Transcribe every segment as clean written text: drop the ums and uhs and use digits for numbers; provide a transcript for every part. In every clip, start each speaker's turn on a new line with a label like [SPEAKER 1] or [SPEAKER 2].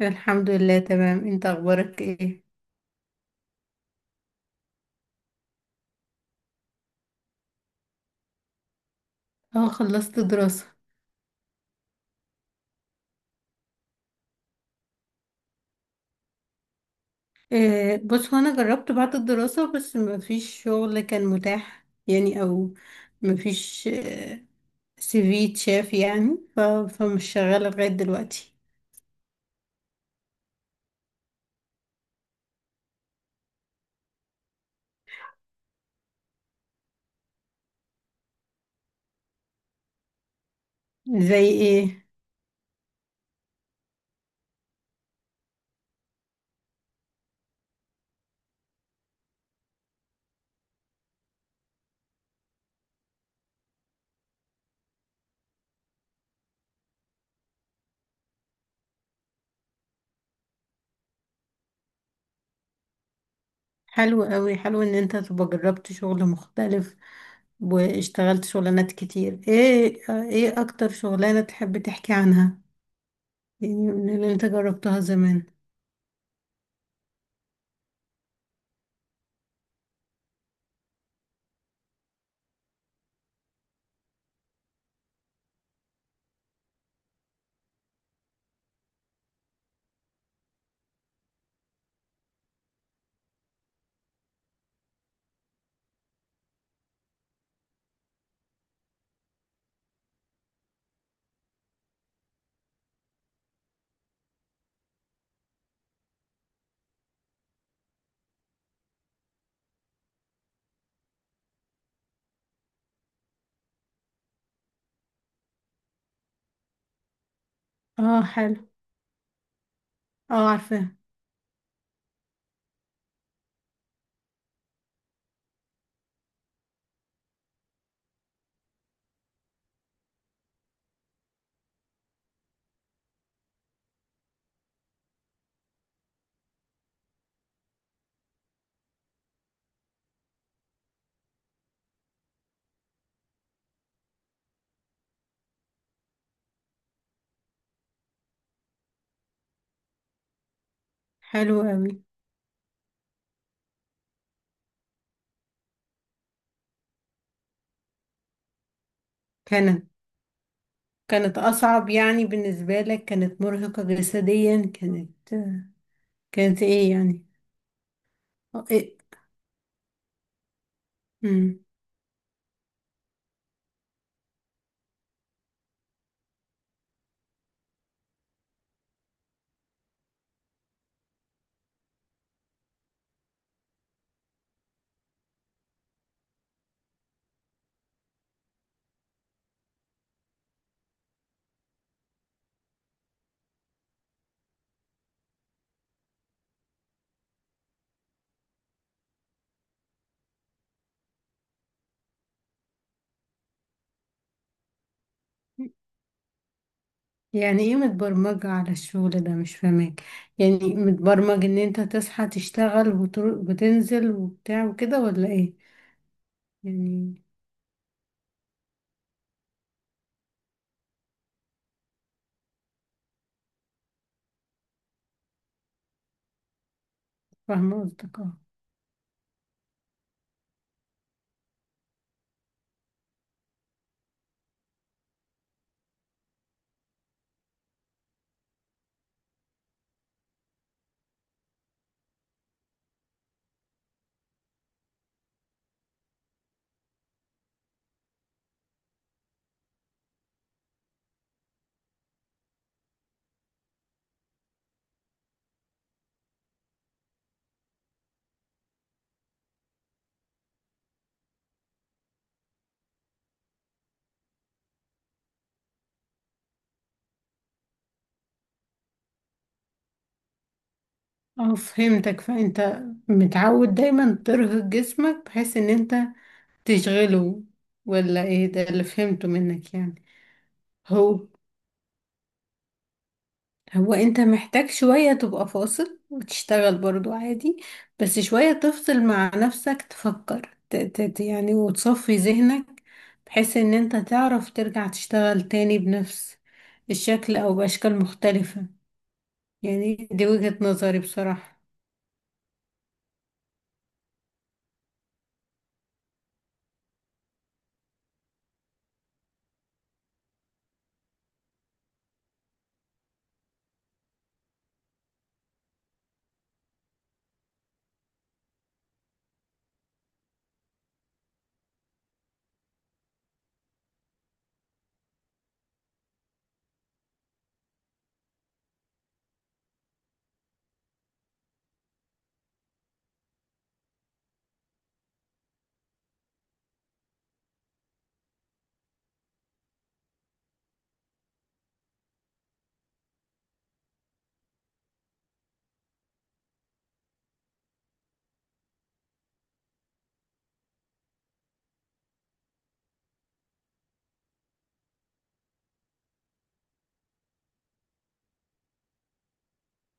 [SPEAKER 1] الحمد لله، تمام. انت اخبارك ايه؟ اه، خلصت دراسة. إيه بص، هو انا جربت بعد الدراسة بس ما فيش شغل كان متاح، يعني او ما فيش سي في تشاف يعني فمش شغالة لغاية دلوقتي. زي ايه؟ حلو قوي. حلو ان انت تبقى جربت شغل مختلف واشتغلت شغلانات كتير. ايه ايه اكتر شغلانة تحب تحكي عنها يعني من اللي انت جربتها زمان؟ اه، حلو. اه، عارفة. حلو قوي. كانت كانت أصعب يعني بالنسبة لك؟ كانت مرهقة جسديا؟ كانت كانت إيه يعني؟ أه، إيه. مم. يعني إيه متبرمجة على الشغل ده؟ مش فاهمك. يعني متبرمج إن أنت تصحى تشتغل وتنزل وبتاع وكده، ولا إيه يعني؟ فاهمة قصدك، أه. أه فهمتك. فأنت متعود دايما ترهق جسمك بحيث إن أنت تشغله، ولا إيه ده اللي فهمته منك يعني؟ هو هو انت محتاج شوية تبقى فاصل وتشتغل برضو عادي، بس شوية تفصل مع نفسك تفكر يعني وتصفي ذهنك، بحيث ان انت تعرف ترجع تشتغل تاني بنفس الشكل او بأشكال مختلفة. يعني دي وجهة نظري بصراحة.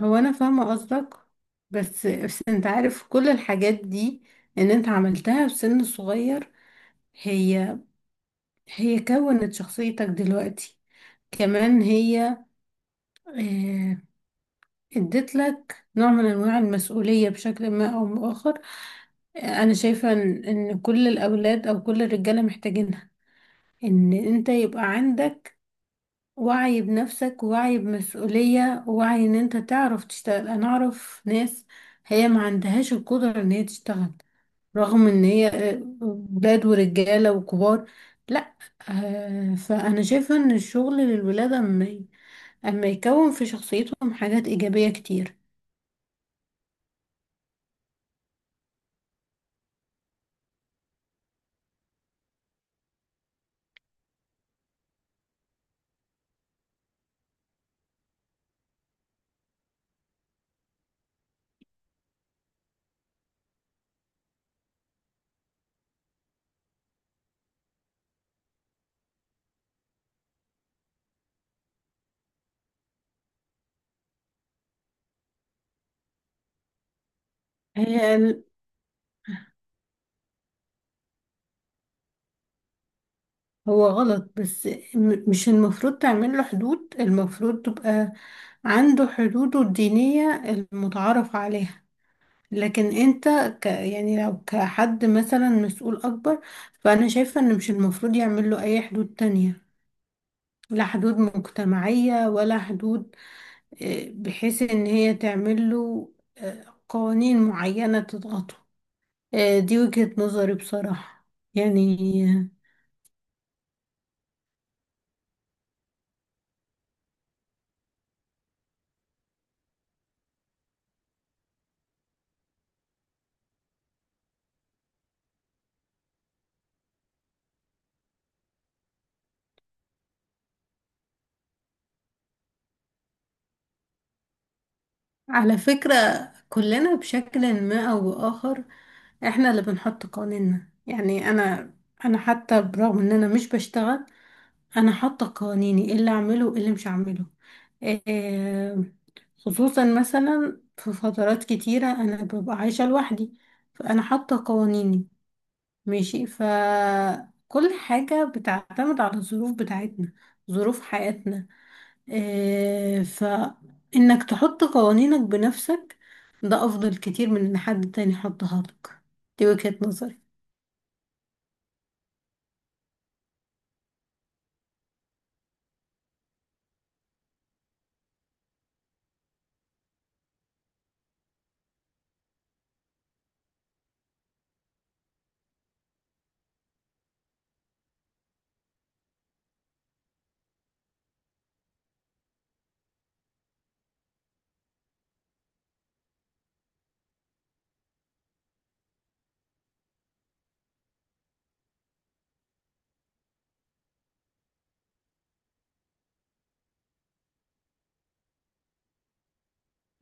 [SPEAKER 1] هو انا فاهمة قصدك، بس انت عارف كل الحاجات دي ان انت عملتها في سن صغير، هي كونت شخصيتك دلوقتي. كمان هي آه، اديت لك نوع من انواع المسؤولية بشكل ما او بآخر. انا شايفة ان إن كل الاولاد او كل الرجالة محتاجينها، ان انت يبقى عندك وعي بنفسك ووعي بمسؤولية ووعي ان انت تعرف تشتغل. انا اعرف ناس هي ما عندهاش القدرة ان هي تشتغل، رغم ان هي ولاد ورجالة وكبار. لا، آه، فانا شايفة ان الشغل للولاد اما يكون في شخصيتهم حاجات ايجابية كتير. هي هو غلط، بس مش المفروض تعمل له حدود، المفروض تبقى عنده حدوده الدينية المتعارف عليها. لكن انت يعني لو كحد مثلا مسؤول اكبر، فانا شايفة ان مش المفروض يعمل له اي حدود تانية، لا حدود مجتمعية ولا حدود آه، بحيث ان هي تعمل له قوانين معينة تضغطه. آه، دي وجهة نظري بصراحة، يعني. على فكرة، كلنا بشكل ما أو بآخر احنا اللي بنحط قوانيننا. يعني أنا حتى برغم إن أنا مش بشتغل، أنا حاطة قوانيني إيه اللي أعمله وإيه اللي مش أعمله. آه، خصوصا مثلا في فترات كتيرة أنا ببقى عايشة لوحدي، فأنا حاطة قوانيني. ماشي، فكل حاجة بتعتمد على الظروف بتاعتنا، ظروف حياتنا. آه، فإنك تحط قوانينك بنفسك ده أفضل كتير من إن حد تاني يحطها لك. دي وجهة نظري.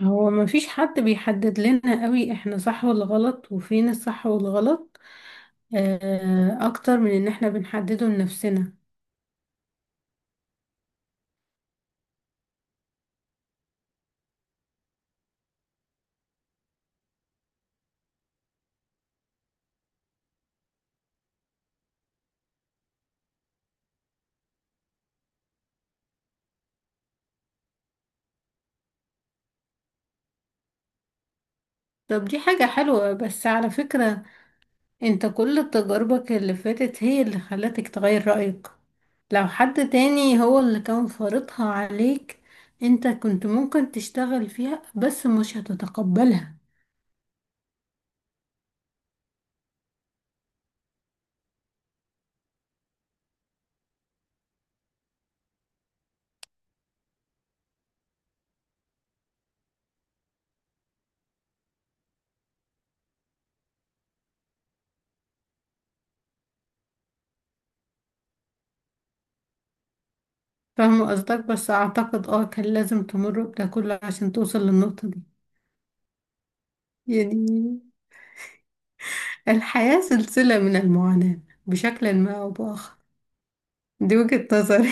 [SPEAKER 1] هو مفيش حد بيحدد لنا قوي احنا صح ولا غلط وفين الصح والغلط، آه، أكتر من إن احنا بنحدده لنفسنا. طب دي حاجة حلوة، بس على فكرة انت كل تجاربك اللي فاتت هي اللي خلتك تغير رأيك. لو حد تاني هو اللي كان فرضها عليك، انت كنت ممكن تشتغل فيها بس مش هتتقبلها. فاهمة قصدك، بس اعتقد اه كان لازم تمر بده كله عشان توصل للنقطة دي، يعني. الحياة سلسلة من المعاناة، بشكل ما او بآخر. دي وجهة نظري.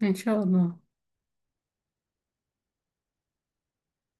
[SPEAKER 1] ان شاء الله.